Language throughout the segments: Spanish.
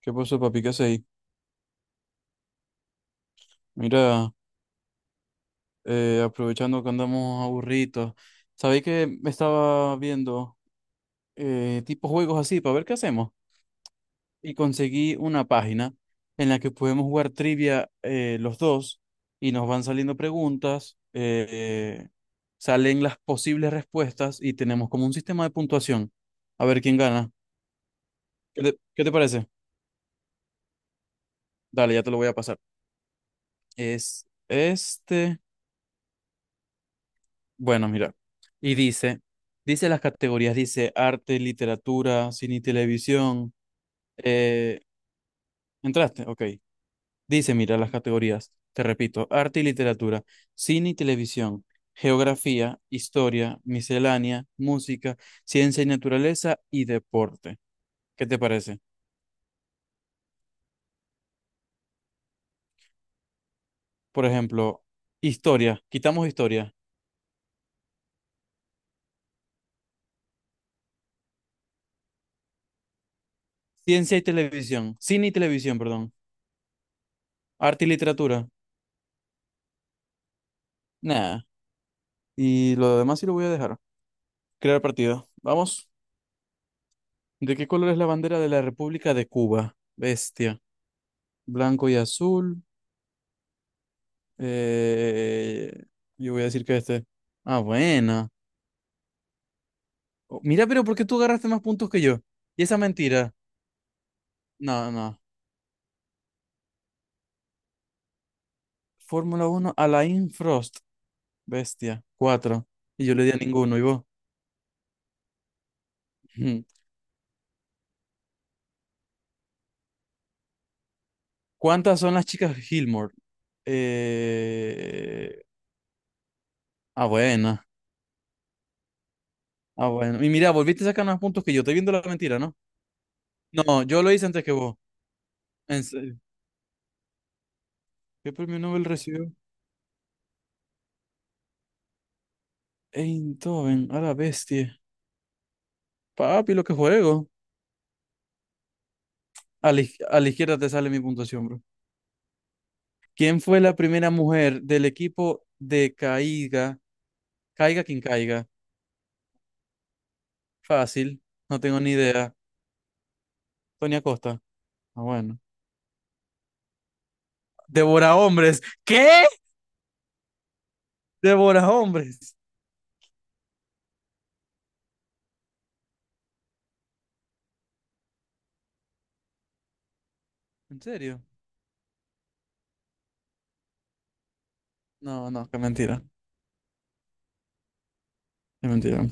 ¿Qué pasó, papi? ¿Qué hacéis? Mira, aprovechando que andamos aburridos, ¿sabéis que me estaba viendo tipo juegos así para ver qué hacemos? Y conseguí una página en la que podemos jugar trivia los dos y nos van saliendo preguntas, salen las posibles respuestas y tenemos como un sistema de puntuación. A ver quién gana. ¿Qué te parece? Dale, ya te lo voy a pasar. Es este. Bueno, mira. Y dice, dice las categorías, dice arte, literatura, cine y televisión. Eh, ¿Entraste? Ok. Dice, mira, las categorías. Te repito, arte y literatura, cine y televisión, geografía, historia, miscelánea, música, ciencia y naturaleza y deporte. ¿Qué te parece? Por ejemplo, historia, quitamos historia, ciencia y televisión, cine y televisión, perdón, arte y literatura. Nada. Y lo demás sí lo voy a dejar. Crear partido. Vamos. ¿De qué color es la bandera de la República de Cuba? Bestia. Blanco y azul. Eh, yo voy a decir que este. Ah, buena. Oh, mira, pero ¿por qué tú agarraste más puntos que yo? Y esa mentira. No, no. Fórmula uno, Alain Frost. Bestia. Cuatro. Y yo le di a ninguno, ¿y vos? Ujú. ¿Cuántas son las chicas Gilmore? Eh... Ah, buena. Ah, bueno. Y mira, volviste a sacar más puntos que yo. Estoy viendo la mentira, ¿no? No, yo lo hice antes que vos. En serio. ¿Qué premio Nobel recibió Eindhoven? A la bestia. Papi, lo que juego. A la izquierda te sale mi puntuación, bro. ¿Quién fue la primera mujer del equipo de Caiga? Caiga quien caiga. Fácil. No tengo ni idea. Tonia Costa. Ah, bueno. Devora hombres. ¿Qué? Devora hombres. ¿En serio? No, no, qué mentira. Qué mentira.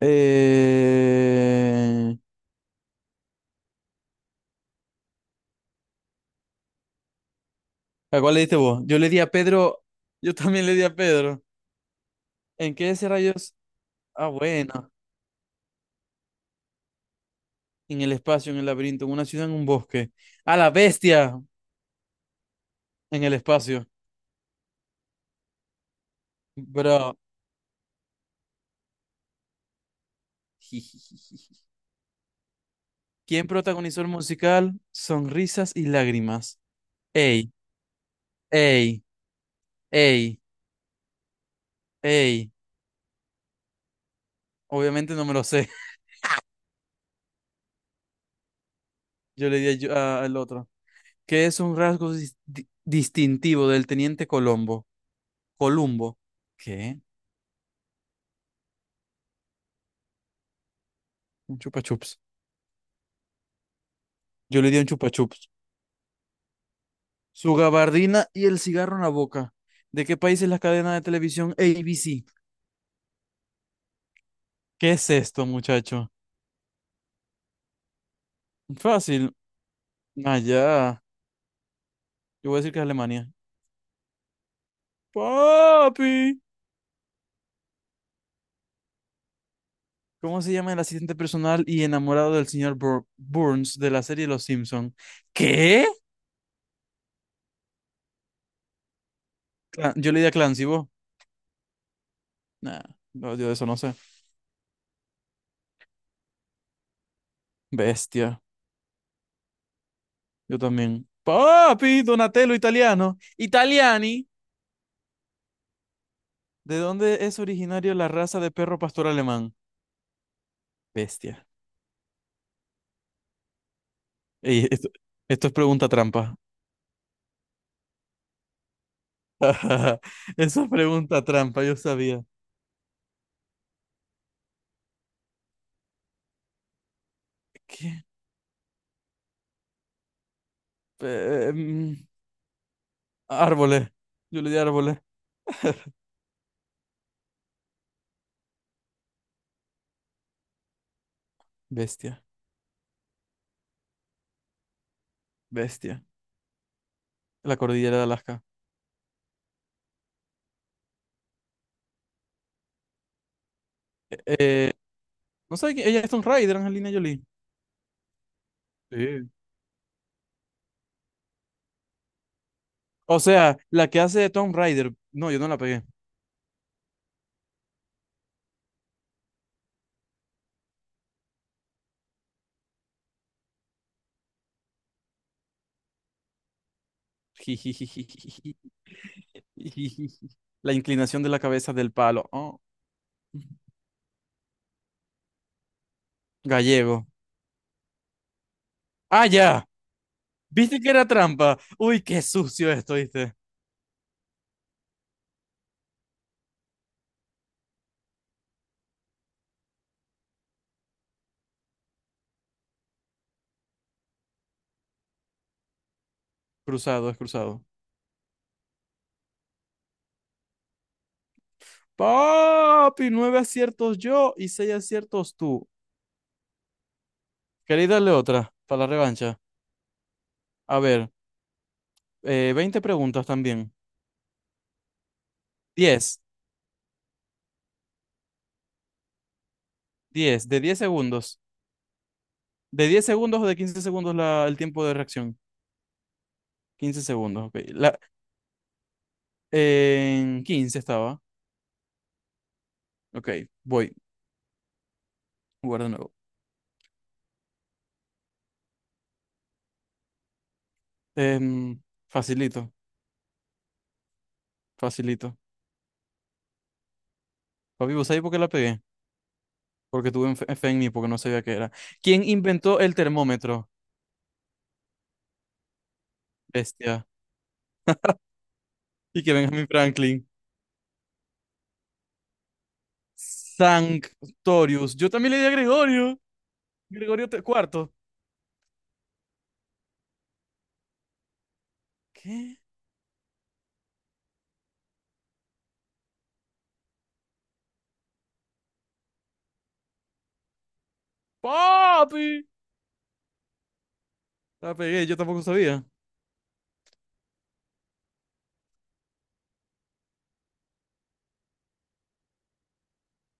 Eh... ¿A cuál le diste vos? Yo le di a Pedro. Yo también le di a Pedro. ¿En qué ese rayos? Ah, bueno. En el espacio, en el laberinto, en una ciudad, en un bosque. A la bestia en el espacio. Bro. ¿Quién protagonizó el musical Sonrisas y Lágrimas? Ey, ey, ey, ey. Obviamente no me lo sé. Yo le di al otro. ¿Qué es un rasgo distintivo del teniente Colombo? Columbo. ¿Qué? Un chupa chups. Yo le di un chupa chups. Su gabardina y el cigarro en la boca. ¿De qué país es la cadena de televisión ABC? ¿Qué es esto, muchacho? Fácil. Allá. Yo voy a decir que es Alemania. Papi. ¿Cómo se llama el asistente personal y enamorado del señor Burns de la serie Los Simpson? ¿Qué? Yo le di a Clancy, ¿vos? Nah, no, yo de eso no sé. Bestia. Yo también. Papi, Donatello italiano. Italiani. ¿De dónde es originario la raza de perro pastor alemán? Bestia. Ey, esto es pregunta trampa. Esa es pregunta trampa, yo sabía. ¿Qué? Em, árboles. Yo le di árboles. Bestia. Bestia. La cordillera de Alaska. Eh, eh, no sé, ella es Tomb Raider, Angelina Jolie. Sí. O sea, la que hace de Tomb Raider. No, yo no la pegué. Jijijijijiji. La inclinación de la cabeza del palo. Oh. Gallego. ¡Ah, ya! ¿Viste que era trampa? Uy, qué sucio esto, ¿viste? Cruzado, es cruzado. Papi, nueve aciertos yo y seis aciertos tú. ¿Queréis darle otra para la revancha? A ver. 20 preguntas también. 10 10 de 10 segundos. ¿De diez segundos o de 15 segundos el tiempo de reacción? 15 segundos, ok. En 15 estaba. Ok, voy. Jugar de nuevo. Em, facilito, facilito. Papi, ¿vos sabés por qué la pegué? Porque tuve fe en mí, porque no sabía qué era. ¿Quién inventó el termómetro? Bestia. Y que Benjamin Franklin. Sanctorius. Yo también le di a Gregorio. Gregorio cuarto. ¿Qué? Papi. La pegué, yo tampoco sabía.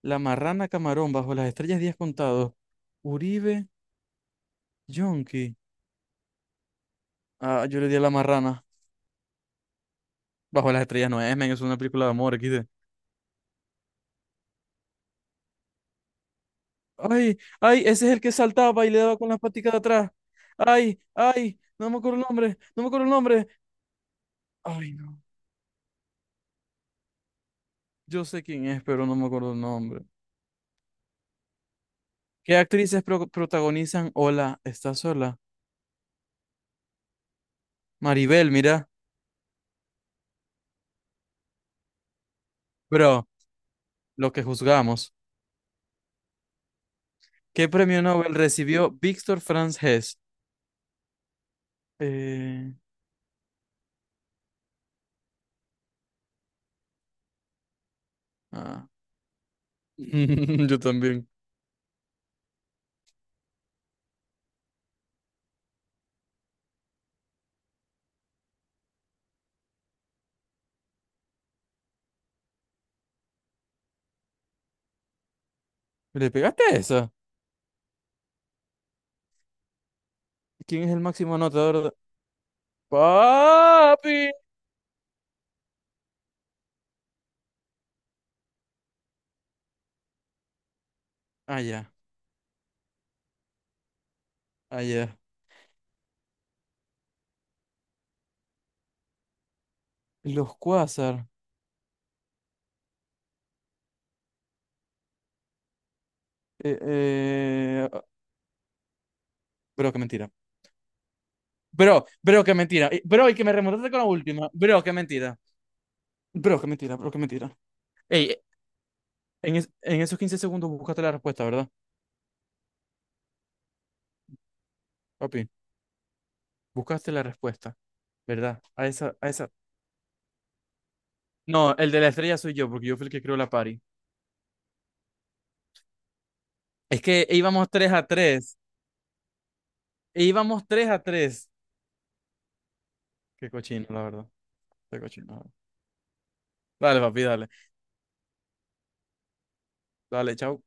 La marrana camarón bajo las estrellas días contados. Uribe Yonki. Ah, yo le di a la marrana. Bajo las estrellas no es, men, es una película de amor, aquí. Ay, ay, ese es el que saltaba y le daba con las paticas de atrás. Ay, ay, no me acuerdo el nombre, no me acuerdo el nombre. Ay, no. Yo sé quién es, pero no me acuerdo el nombre. ¿Qué actrices protagonizan Hola, ¿estás sola? Maribel, mira. Bro, lo que juzgamos. ¿Qué premio Nobel recibió Víctor Franz Hess? Eh, Ah. Yo también. ¿Le pegaste a esa? ¿Quién es el máximo anotador? ¡Papi! Ah, ya. Ah, ya. Los Quasar. Eh, eh... ah, Bro, qué mentira. Bro, bro, qué mentira. Bro, y que me remontaste con la última. Bro, qué mentira. Bro, qué mentira, bro, qué mentira. Ey, eh, en esos 15 segundos buscaste la respuesta, ¿verdad? Papi, buscaste la respuesta, ¿verdad? A esa, a esa. No, el de la estrella soy yo, porque yo fui el que creó la party. Es que íbamos tres a 3. Íbamos 3-3. Qué cochino, la verdad. Qué cochino. Dale, papi, dale. Dale, chao.